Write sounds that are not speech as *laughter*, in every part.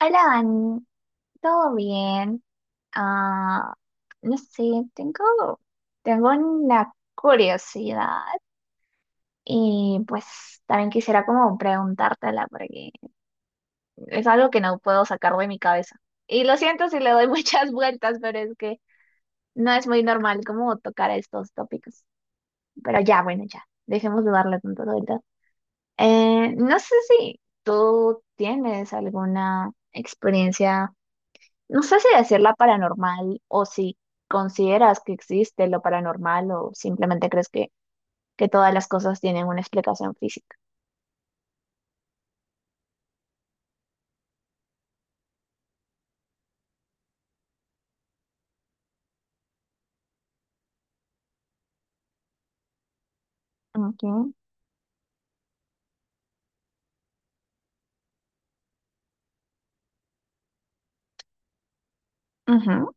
Hola, Dani, ¿todo bien? Ah, no sé, tengo, tengo una curiosidad y pues también quisiera como preguntártela porque es algo que no puedo sacar de mi cabeza. Y lo siento si le doy *laughs* muchas vueltas, pero es que no es muy normal como tocar estos tópicos. Pero ya, bueno, ya, dejemos de darle tantas vueltas. No sé si tú tienes alguna experiencia. No sé si decirla paranormal o si consideras que existe lo paranormal o simplemente crees que todas las cosas tienen una explicación física. Ok. Ujú.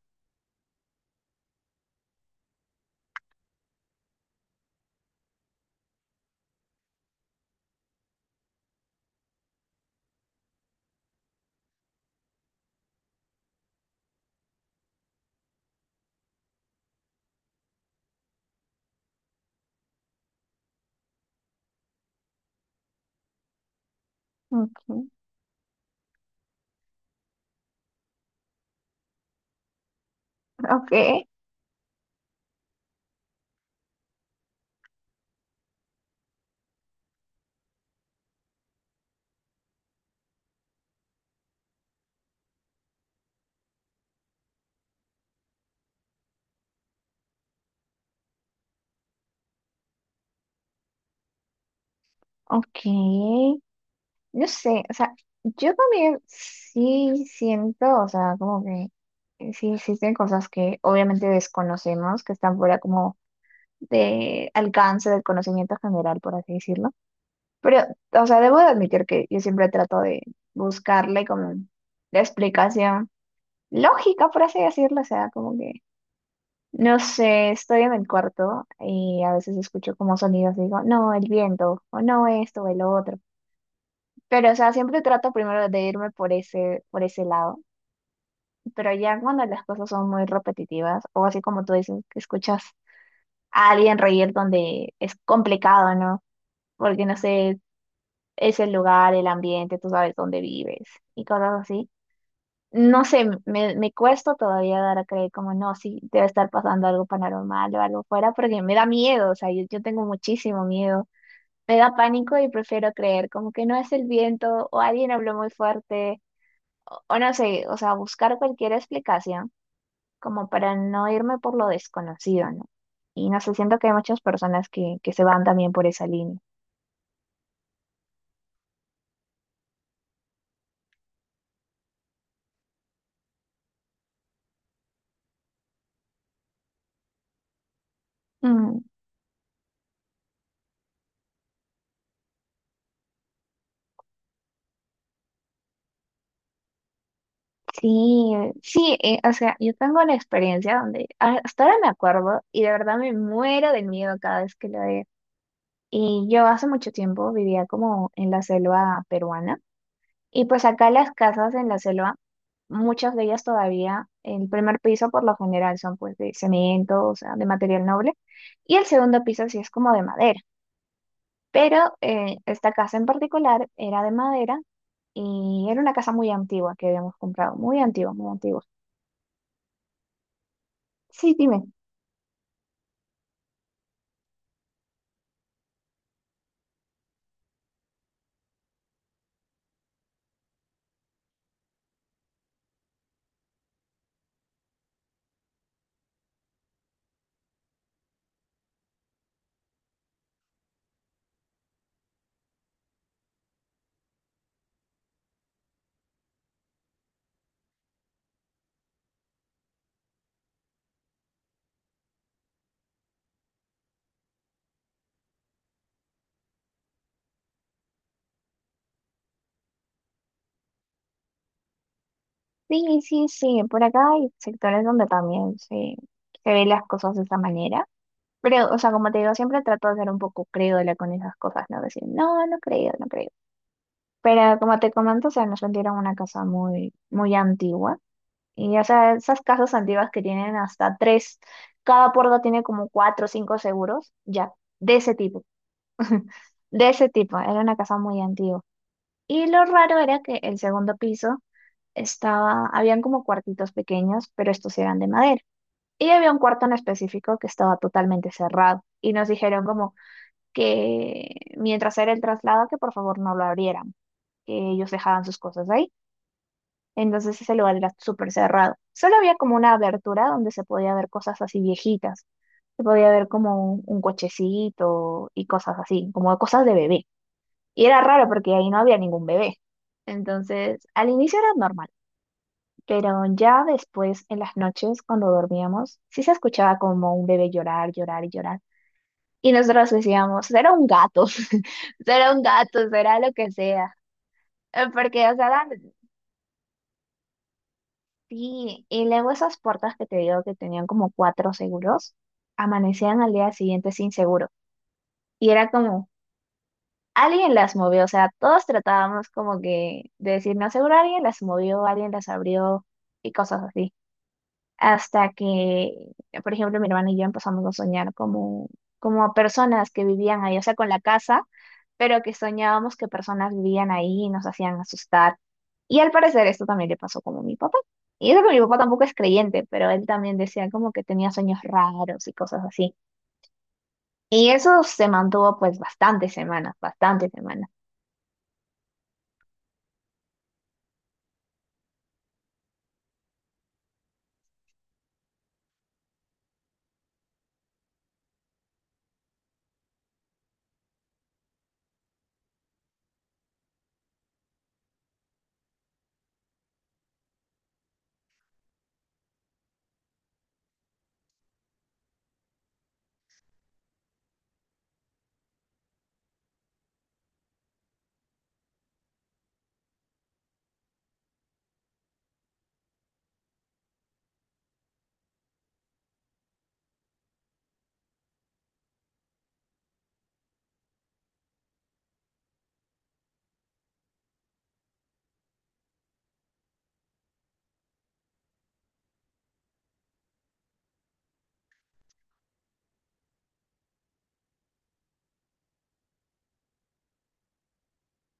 Ok, ok, ok. No sé, o sea, yo también sí siento, o sea, como que sí existen cosas que obviamente desconocemos, que están fuera como de alcance del conocimiento general, por así decirlo. Pero, o sea, debo de admitir que yo siempre trato de buscarle como la explicación lógica, por así decirlo. O sea, como que, no sé, estoy en el cuarto y a veces escucho como sonidos y digo, no, el viento, o no esto, o el otro. Pero, o sea, siempre trato primero de irme por por ese lado. Pero ya cuando las cosas son muy repetitivas, o así como tú dices, que escuchas a alguien reír donde es complicado, ¿no? Porque, no sé, es el lugar, el ambiente, tú sabes dónde vives y cosas así. No sé, me cuesta todavía dar a creer como no, sí, debe estar pasando algo paranormal o algo fuera, porque me da miedo, o sea, yo tengo muchísimo miedo. Me da pánico y prefiero creer como que no es el viento o alguien habló muy fuerte o no sé, o sea, buscar cualquier explicación como para no irme por lo desconocido, ¿no? Y no sé, siento que hay muchas personas que se van también por esa línea. Sí, sí, o sea, yo tengo la experiencia donde hasta ahora me acuerdo y de verdad me muero del miedo cada vez que lo veo. Y yo hace mucho tiempo vivía como en la selva peruana y pues acá las casas en la selva, muchas de ellas todavía, el primer piso por lo general son pues de cemento, o sea, de material noble y el segundo piso sí es como de madera. Pero esta casa en particular era de madera y era una casa muy antigua que habíamos comprado, muy antigua, muy antigua. Sí, dime. Sí, sí, sí, por acá hay sectores donde también se ven las cosas de esa manera, pero, o sea, como te digo, siempre trato de ser un poco crédula con esas cosas, ¿no? Decir, no, no creo, no creo. Pero como te comento, o sea, nos vendieron una casa muy, muy antigua, y o sea, esas casas antiguas que tienen hasta tres, cada puerta tiene como cuatro o cinco seguros, ya, de ese tipo, *laughs* de ese tipo, era una casa muy antigua. Y lo raro era que el segundo piso estaba, habían como cuartitos pequeños, pero estos eran de madera. Y había un cuarto en específico que estaba totalmente cerrado y nos dijeron como que mientras era el traslado que por favor no lo abrieran, que ellos dejaban sus cosas ahí. Entonces ese lugar era súper cerrado. Solo había como una abertura donde se podía ver cosas así viejitas. Se podía ver como un cochecito y cosas así, como cosas de bebé. Y era raro porque ahí no había ningún bebé. Entonces, al inicio era normal. Pero ya después, en las noches, cuando dormíamos, sí se escuchaba como un bebé llorar, llorar y llorar. Y nosotros decíamos, será un gato, *laughs* será un gato, será lo que sea. Porque, o sea, sí. Y luego esas puertas que te digo que tenían como cuatro seguros, amanecían al día siguiente sin seguro. Y era como, alguien las movió, o sea, todos tratábamos como que de decir, no, seguro alguien las movió, alguien las abrió y cosas así. Hasta que, por ejemplo, mi hermana y yo empezamos a soñar como, como a personas que vivían ahí, o sea, con la casa, pero que soñábamos que personas vivían ahí y nos hacían asustar. Y al parecer esto también le pasó como a mi papá. Y eso que mi papá tampoco es creyente, pero él también decía como que tenía sueños raros y cosas así. Y eso se mantuvo pues bastantes semanas, bastantes semanas.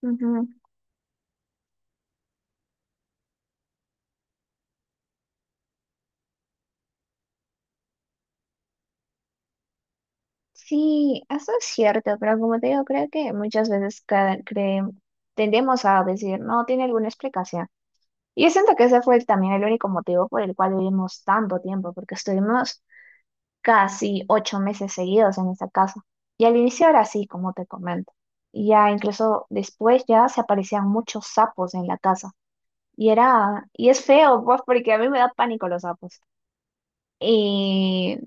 Ujú. Sí, eso es cierto, pero como te digo, creo que muchas veces tendemos a decir, no, tiene alguna explicación. Y yo siento que ese fue también el único motivo por el cual vivimos tanto tiempo, porque estuvimos casi 8 meses seguidos en esa casa. Y al inicio era así, como te comento. Y ya incluso después ya se aparecían muchos sapos en la casa. Y era, y es feo, pues, porque a mí me da pánico los sapos. Y,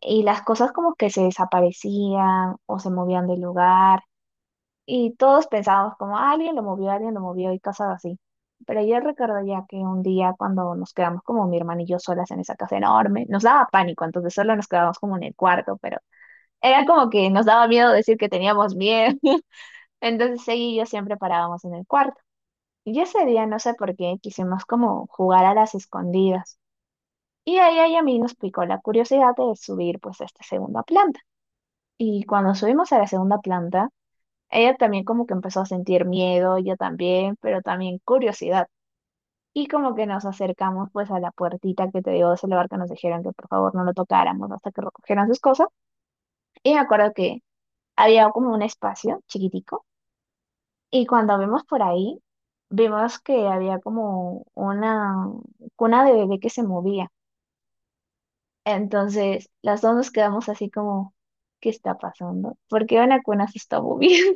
y las cosas como que se desaparecían o se movían del lugar. Y todos pensábamos como, "Ah, alguien lo movió y cosas así". Pero yo recuerdo ya que un día cuando nos quedamos como mi hermano y yo solas en esa casa enorme, nos daba pánico, entonces solo nos quedábamos como en el cuarto, pero era como que nos daba miedo decir que teníamos miedo. *laughs* Entonces ella y yo siempre parábamos en el cuarto. Y ese día no sé por qué quisimos como jugar a las escondidas. Y a ella y a mí nos picó la curiosidad de subir pues a esta segunda planta. Y cuando subimos a la segunda planta, ella también como que empezó a sentir miedo, yo también, pero también curiosidad. Y como que nos acercamos pues a la puertita que te digo de ese lugar que nos dijeron que por favor no lo tocáramos hasta que recogieran sus cosas. Y me acuerdo que había como un espacio chiquitico y cuando vimos por ahí, vimos que había como una cuna de bebé que se movía. Entonces las dos nos quedamos así como, ¿qué está pasando? ¿Por qué una cuna se está moviendo?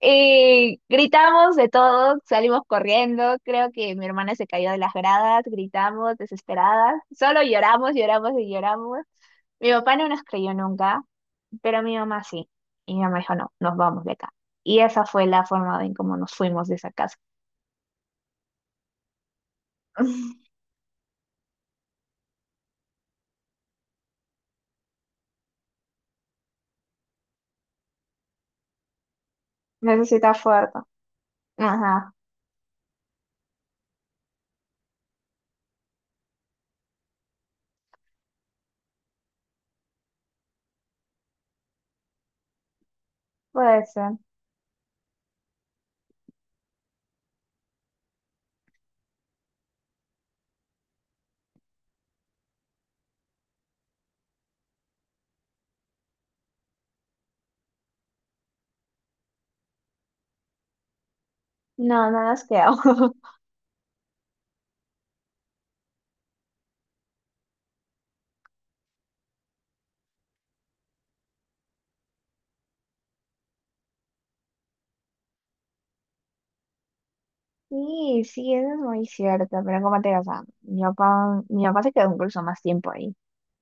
Y gritamos de todo, salimos corriendo, creo que mi hermana se cayó de las gradas, gritamos desesperadas, solo lloramos, lloramos y lloramos. Mi papá no nos creyó nunca, pero mi mamá sí. Y mi mamá dijo, no, nos vamos de acá. Y esa fue la forma en cómo nos fuimos de esa casa. *laughs* Necesita fuerte. Ajá, puede ser. No, no nos quedamos. *laughs* Sí, sí, eso es muy cierto, pero como te digo, o sea, mi papá se quedó incluso más tiempo ahí.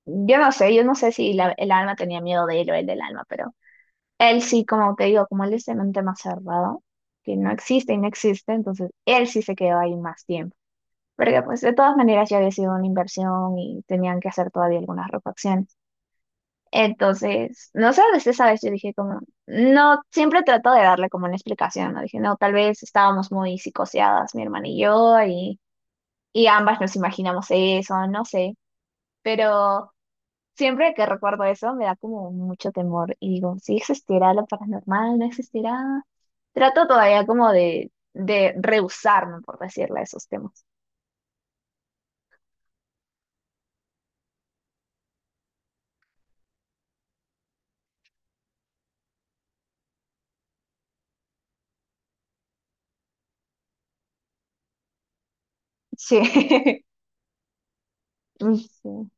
Yo no sé si el alma tenía miedo de él o él del alma, pero él sí, como te digo, como él es de mente más cerrado, que no existe y no existe, entonces él sí se quedó ahí más tiempo. Porque pues de todas maneras ya había sido una inversión y tenían que hacer todavía algunas refacciones. Entonces, no sé, desde esa vez yo dije como, no, siempre trato de darle como una explicación, ¿no? Dije, no, tal vez estábamos muy psicoseadas, mi hermana y yo, y ambas nos imaginamos eso, no sé, pero... Siempre que recuerdo eso me da como mucho temor y digo, si existirá lo paranormal, no existirá. Trato todavía como de rehusarme, por decirle, a esos temas. Sí. *laughs* Sí.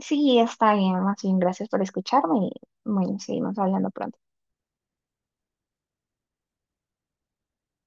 Sí, está bien, más bien, gracias por escucharme y bueno, seguimos hablando pronto.